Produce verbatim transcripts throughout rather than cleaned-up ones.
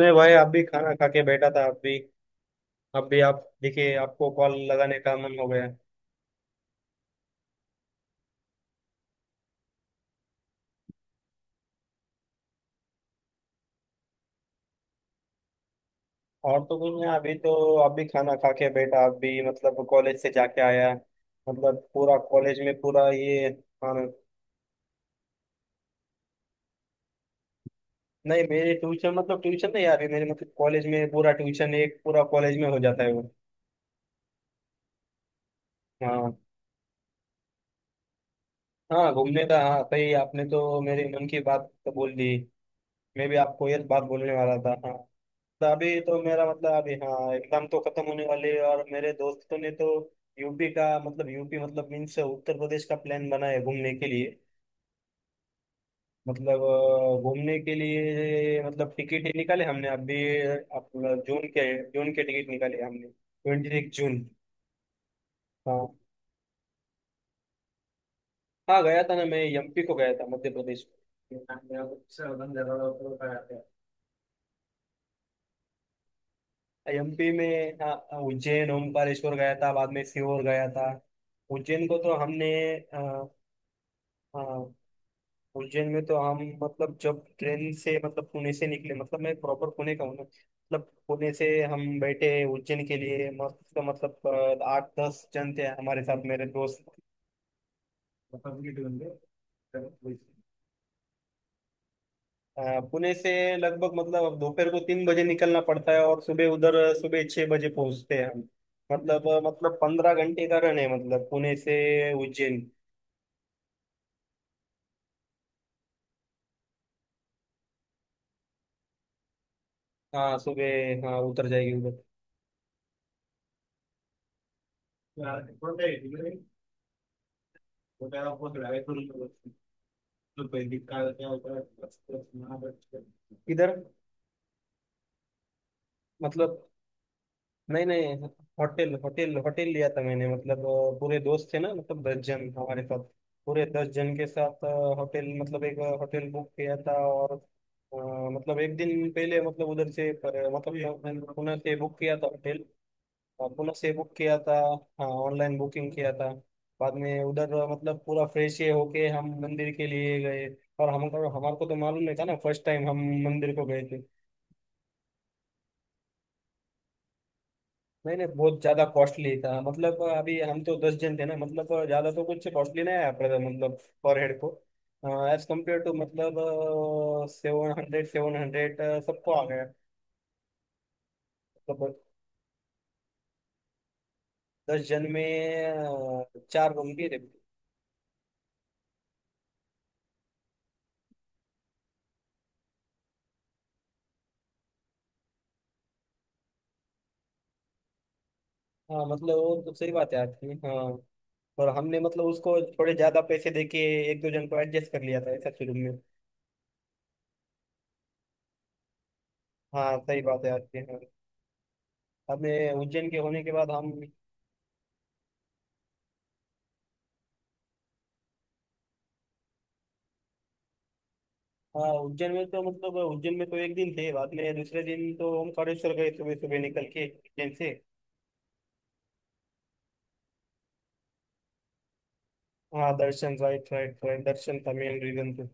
नहीं भाई, आप भी खाना खा के बैठा था। आप भी अब भी आप दिखे, आपको कॉल लगाने का मन हो गया। और तो कुछ नहीं, अभी तो आप भी खाना खा के बैठा। आप भी मतलब कॉलेज से जाके आया। मतलब पूरा कॉलेज में पूरा ये, हाँ। नहीं, मेरे ट्यूशन मतलब ट्यूशन नहीं यार, मेरे मतलब कॉलेज में पूरा ट्यूशन एक पूरा कॉलेज में हो जाता है वो। हाँ। हाँ घूमने का, हाँ सही, आपने तो मेरे मन की बात तो बोल दी। मैं भी आपको ये बात बोलने वाला था, हाँ। अभी तो मेरा मतलब अभी हाँ एग्जाम तो खत्म होने वाले है, और मेरे दोस्तों ने तो यूपी का मतलब यूपी मतलब मीन्स उत्तर प्रदेश का प्लान बना है घूमने के लिए। मतलब अ, घूमने के लिए मतलब टिकट ही निकाले हमने अभी। अपना जून के जून के टिकट निकाले हमने, ट्वेंटी जून। हाँ। हाँ, गया था ना, मैं एमपी को गया था, मध्य प्रदेश को। एमपी में हाँ, उज्जैन, ओमकारेश्वर गया था, बाद में सीहोर गया था, उज्जैन को तो हमने। हाँ, उज्जैन में तो हम मतलब जब ट्रेन से मतलब पुणे से निकले, मतलब मैं प्रॉपर पुणे का हूँ ना। मतलब पुणे से हम बैठे उज्जैन के लिए, मस्त तो मतलब अ, आठ दस जन थे हमारे साथ, मेरे दोस्त। अ, पुणे से लगभग मतलब अब दोपहर को तीन बजे निकलना पड़ता है, और सुबह उधर सुबह छह बजे पहुंचते हैं हम। मतलब अ, मतलब पंद्रह घंटे का रन है मतलब पुणे से उज्जैन। हाँ सुबह, हाँ उतर जाएगी। उधर वगैरह बहुत लड़ाई थोड़ी, तो पेंटिंग का क्या होता है, बस- बस यहाँ पर- इधर मतलब। नहीं नहीं, होटल होटल होटल लिया था मैंने। मतलब अ, पूरे दोस्त थे ना, मतलब दस जन हमारे साथ। पूरे दस जन के साथ अ, होटल मतलब एक अ, होटल बुक किया था, और अ, मतलब एक दिन पहले मतलब उधर से पर, मतलब यहाँ- मैंने पुणे से बुक किया था होटल। अपोलो से बुक किया था। हाँ, ऑनलाइन बुकिंग किया था। बाद में उधर मतलब पूरा फ्रेश ये होके हम मंदिर के लिए गए। और हमको हमारे को तो मालूम नहीं था ना, फर्स्ट टाइम हम मंदिर को गए थे। नहीं नहीं, बहुत ज्यादा कॉस्टली था। मतलब अभी हम तो दस जन थे ना, मतलब ज्यादा तो कुछ कॉस्टली नहीं आया पड़ा था मतलब पर हेड को। एज कम्पेयर टू मतलब सेवन हंड्रेड सेवन हंड्रेड सबको आ गया। मतलब दस जन में अ, चार रूम भी थे। हाँ मतलब वो तो सही बात है आपकी, हाँ। और हमने मतलब उसको थोड़े ज्यादा पैसे देके एक दो जन को एडजस्ट कर लिया था ऐसा शुरू में। हाँ सही बात है आपकी, हाँ। हमें उज्जैन के होने के बाद हम हाँ उज्जैन में तो, मतलब उज्जैन में तो एक दिन थे, बाद में दूसरे दिन तो ओमकारेश्वर गए सुबह सुबह निकल के उज्जैन से। हाँ दर्शन, राइट राइट राइट, दर्शन था मेन रीजन तो।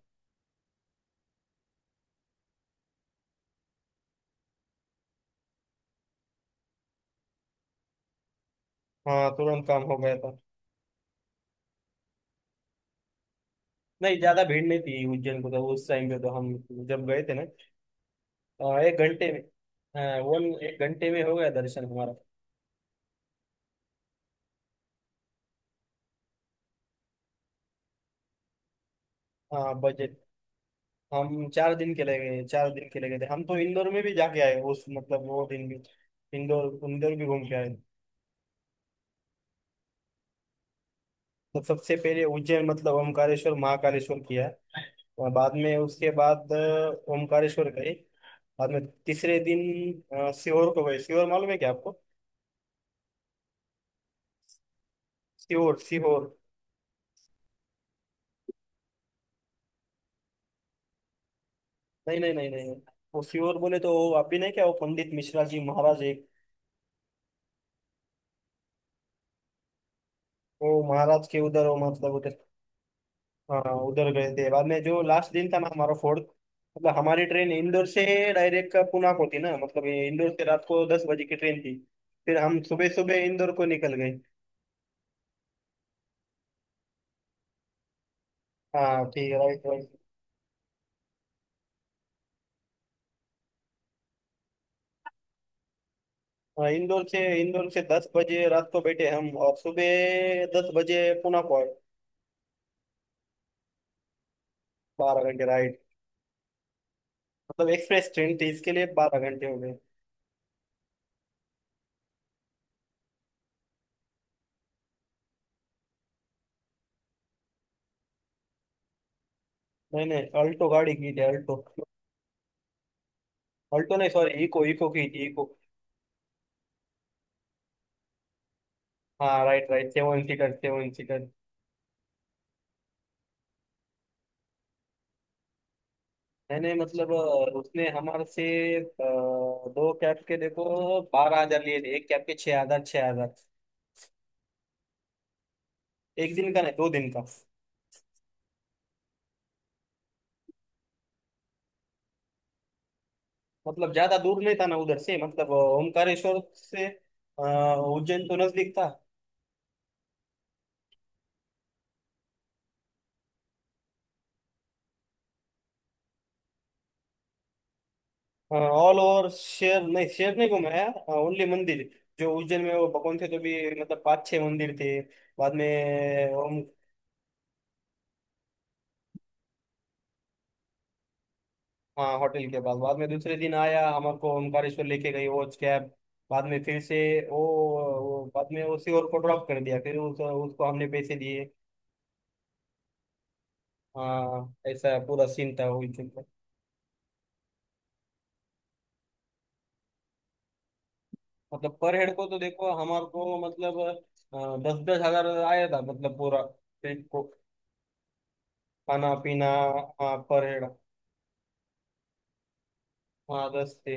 हाँ, तुरंत काम हो गया था। नहीं, ज्यादा भीड़ नहीं थी उज्जैन को, तो उस टाइम पे तो हम जब गए थे ना। अ, एक घंटे में, हाँ वन एक घंटे में हो गया दर्शन हमारा। हाँ बजट, हम चार दिन के लिए गए चार दिन के लिए गए थे हम। तो इंदौर में भी जाके आए उस मतलब वो दिन भी, इंदौर इंदौर भी घूम के आए। तो सबसे पहले उज्जैन मतलब ओमकारेश्वर महाकालेश्वर किया, और बाद में उसके बाद अ, ओमकारेश्वर गए। बाद में तीसरे दिन अ, सीहोर को गए। सीहोर मालूम है क्या आपको? सीहोर सीहोर। नहीं नहीं नहीं नहीं, वो सीहोर बोले तो वो आप भी नहीं क्या, वो पंडित मिश्रा जी महाराज एक, वो महाराज के उधर वो मतलब उधर। हाँ उधर गए थे। बाद में जो लास्ट दिन था ना हमारा, फोर्थ मतलब, हमारी ट्रेन इंदौर से डायरेक्ट पुणे को थी ना। मतलब ये इंदौर से रात को दस बजे की ट्रेन थी, फिर हम सुबह सुबह इंदौर को निकल गए। हाँ ठीक है, राइट राइट। हाँ, इंदौर से इंदौर से दस बजे रात को बैठे हम, और सुबह दस बजे पुणे को आए। बारह घंटे राइड, मतलब एक्सप्रेस ट्रेन थी इसके लिए बारह घंटे हो गए। नहीं नहीं, अल्टो गाड़ी की थी, अल्टो। अल्टो नहीं, सॉरी, इको इको की थी, इको। हाँ right right, seven seater seven. मैंने मतलब अ, उसने हमारे से अ, दो कैब के, देखो, बारह हजार लिए थे, एक कैब के छह हजार छह हजार। एक दिन का नहीं, दो दिन का। मतलब ज्यादा दूर नहीं था ना उधर से, मतलब अ, ओमकारेश्वर से अ, उज्जैन तो नजदीक था। ऑल ओवर शहर नहीं, शहर नहीं घुमाया, ओनली मंदिर। जो उज्जैन में वो भगवान थे तो भी मतलब पाँच छह मंदिर थे, बाद में। हाँ होटल के पास, बाद में दूसरे दिन आया, हमको ओमकारेश्वर लेके गई वो कैब। बाद में फिर से वो वो बाद में उसी और को ड्रॉप कर दिया। फिर उस, उसको हमने पैसे दिए। हाँ ऐसा पूरा सीन था वो दिन का। मतलब पर हेड को तो देखो हमारे को, मतलब अ, दस दस हजार आया था, मतलब पूरा ट्रिप को, खाना पीना। हाँ पर हेड, हाँ दस से।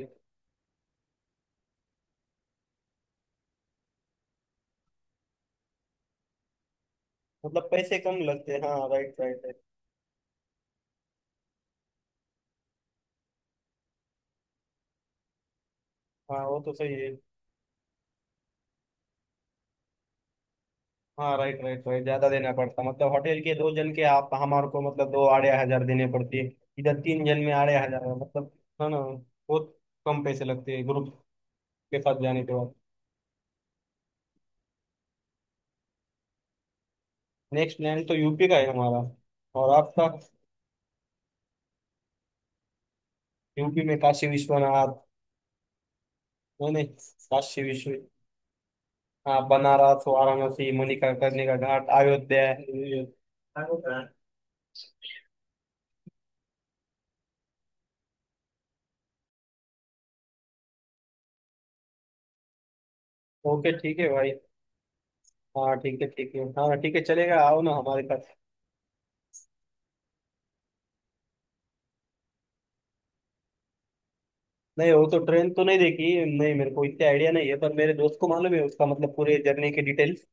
मतलब पैसे कम लगते, हाँ राइट राइट है। हाँ वो तो सही है। हाँ राइट राइट राइट, ज्यादा देना पड़ता। मतलब होटल के दो जन के आप हमारे को मतलब दो आड़े हजार देने पड़ते। इधर तीन जन में आड़े हजार है, मतलब, है ना, बहुत कम पैसे लगते हैं ग्रुप के साथ जाने के बाद। नेक्स्ट प्लान तो यूपी का है हमारा। और आपका? यूपी में काशी विश्वनाथ। नहीं नहीं। काशी विश्व, हाँ, बनारस, वाराणसी, मणिका करने का घाट, अयोध्या। ओके ठीक है भाई। हाँ ठीक है ठीक है, हाँ ठीक है, चलेगा, आओ ना हमारे पास। नहीं, वो तो ट्रेन तो नहीं देखी, नहीं, मेरे को इतना आइडिया नहीं है, पर मेरे दोस्त को मालूम है, उसका मतलब पूरे जर्नी की डिटेल्स।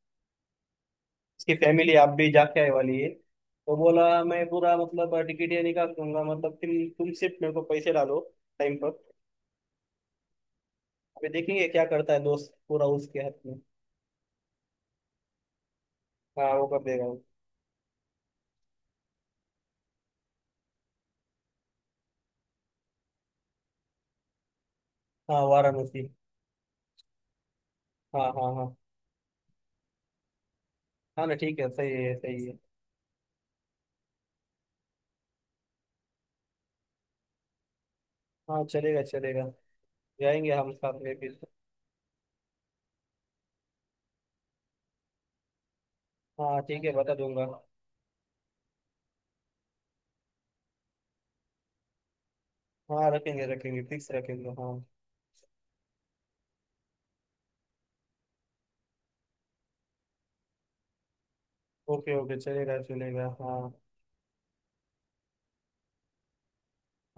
उसकी फैमिली आप भी जाके आए वाली है, तो बोला मैं पूरा मतलब टिकट ये निकाल दूंगा, मतलब तुम तुम सिर्फ मेरे को पैसे डालो टाइम पर। अभी देखेंगे क्या करता है दोस्त, पूरा उसके हाथ में। हाँ वो कर देगा, वो। हाँ वाराणसी। हाँ हाँ हाँ। हाँ ना, ठीक है, सही है सही है। हाँ चलेगा चलेगा, जाएंगे हम साथ में फिर। हाँ ठीक है, बता दूंगा। हाँ रखेंगे रखेंगे, फिक्स रखेंगे, हाँ। ओके ओके, चलेगा चलेगा, हाँ।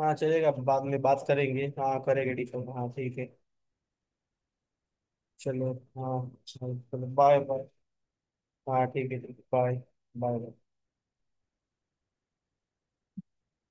हाँ चलेगा, बाद में बात करेंगे, हाँ, करेंगे डिस्कस, हाँ ठीक है। चलो। हाँ। चलो, बाय बाय। हाँ ठीक है ठीक है, बाय। बाय।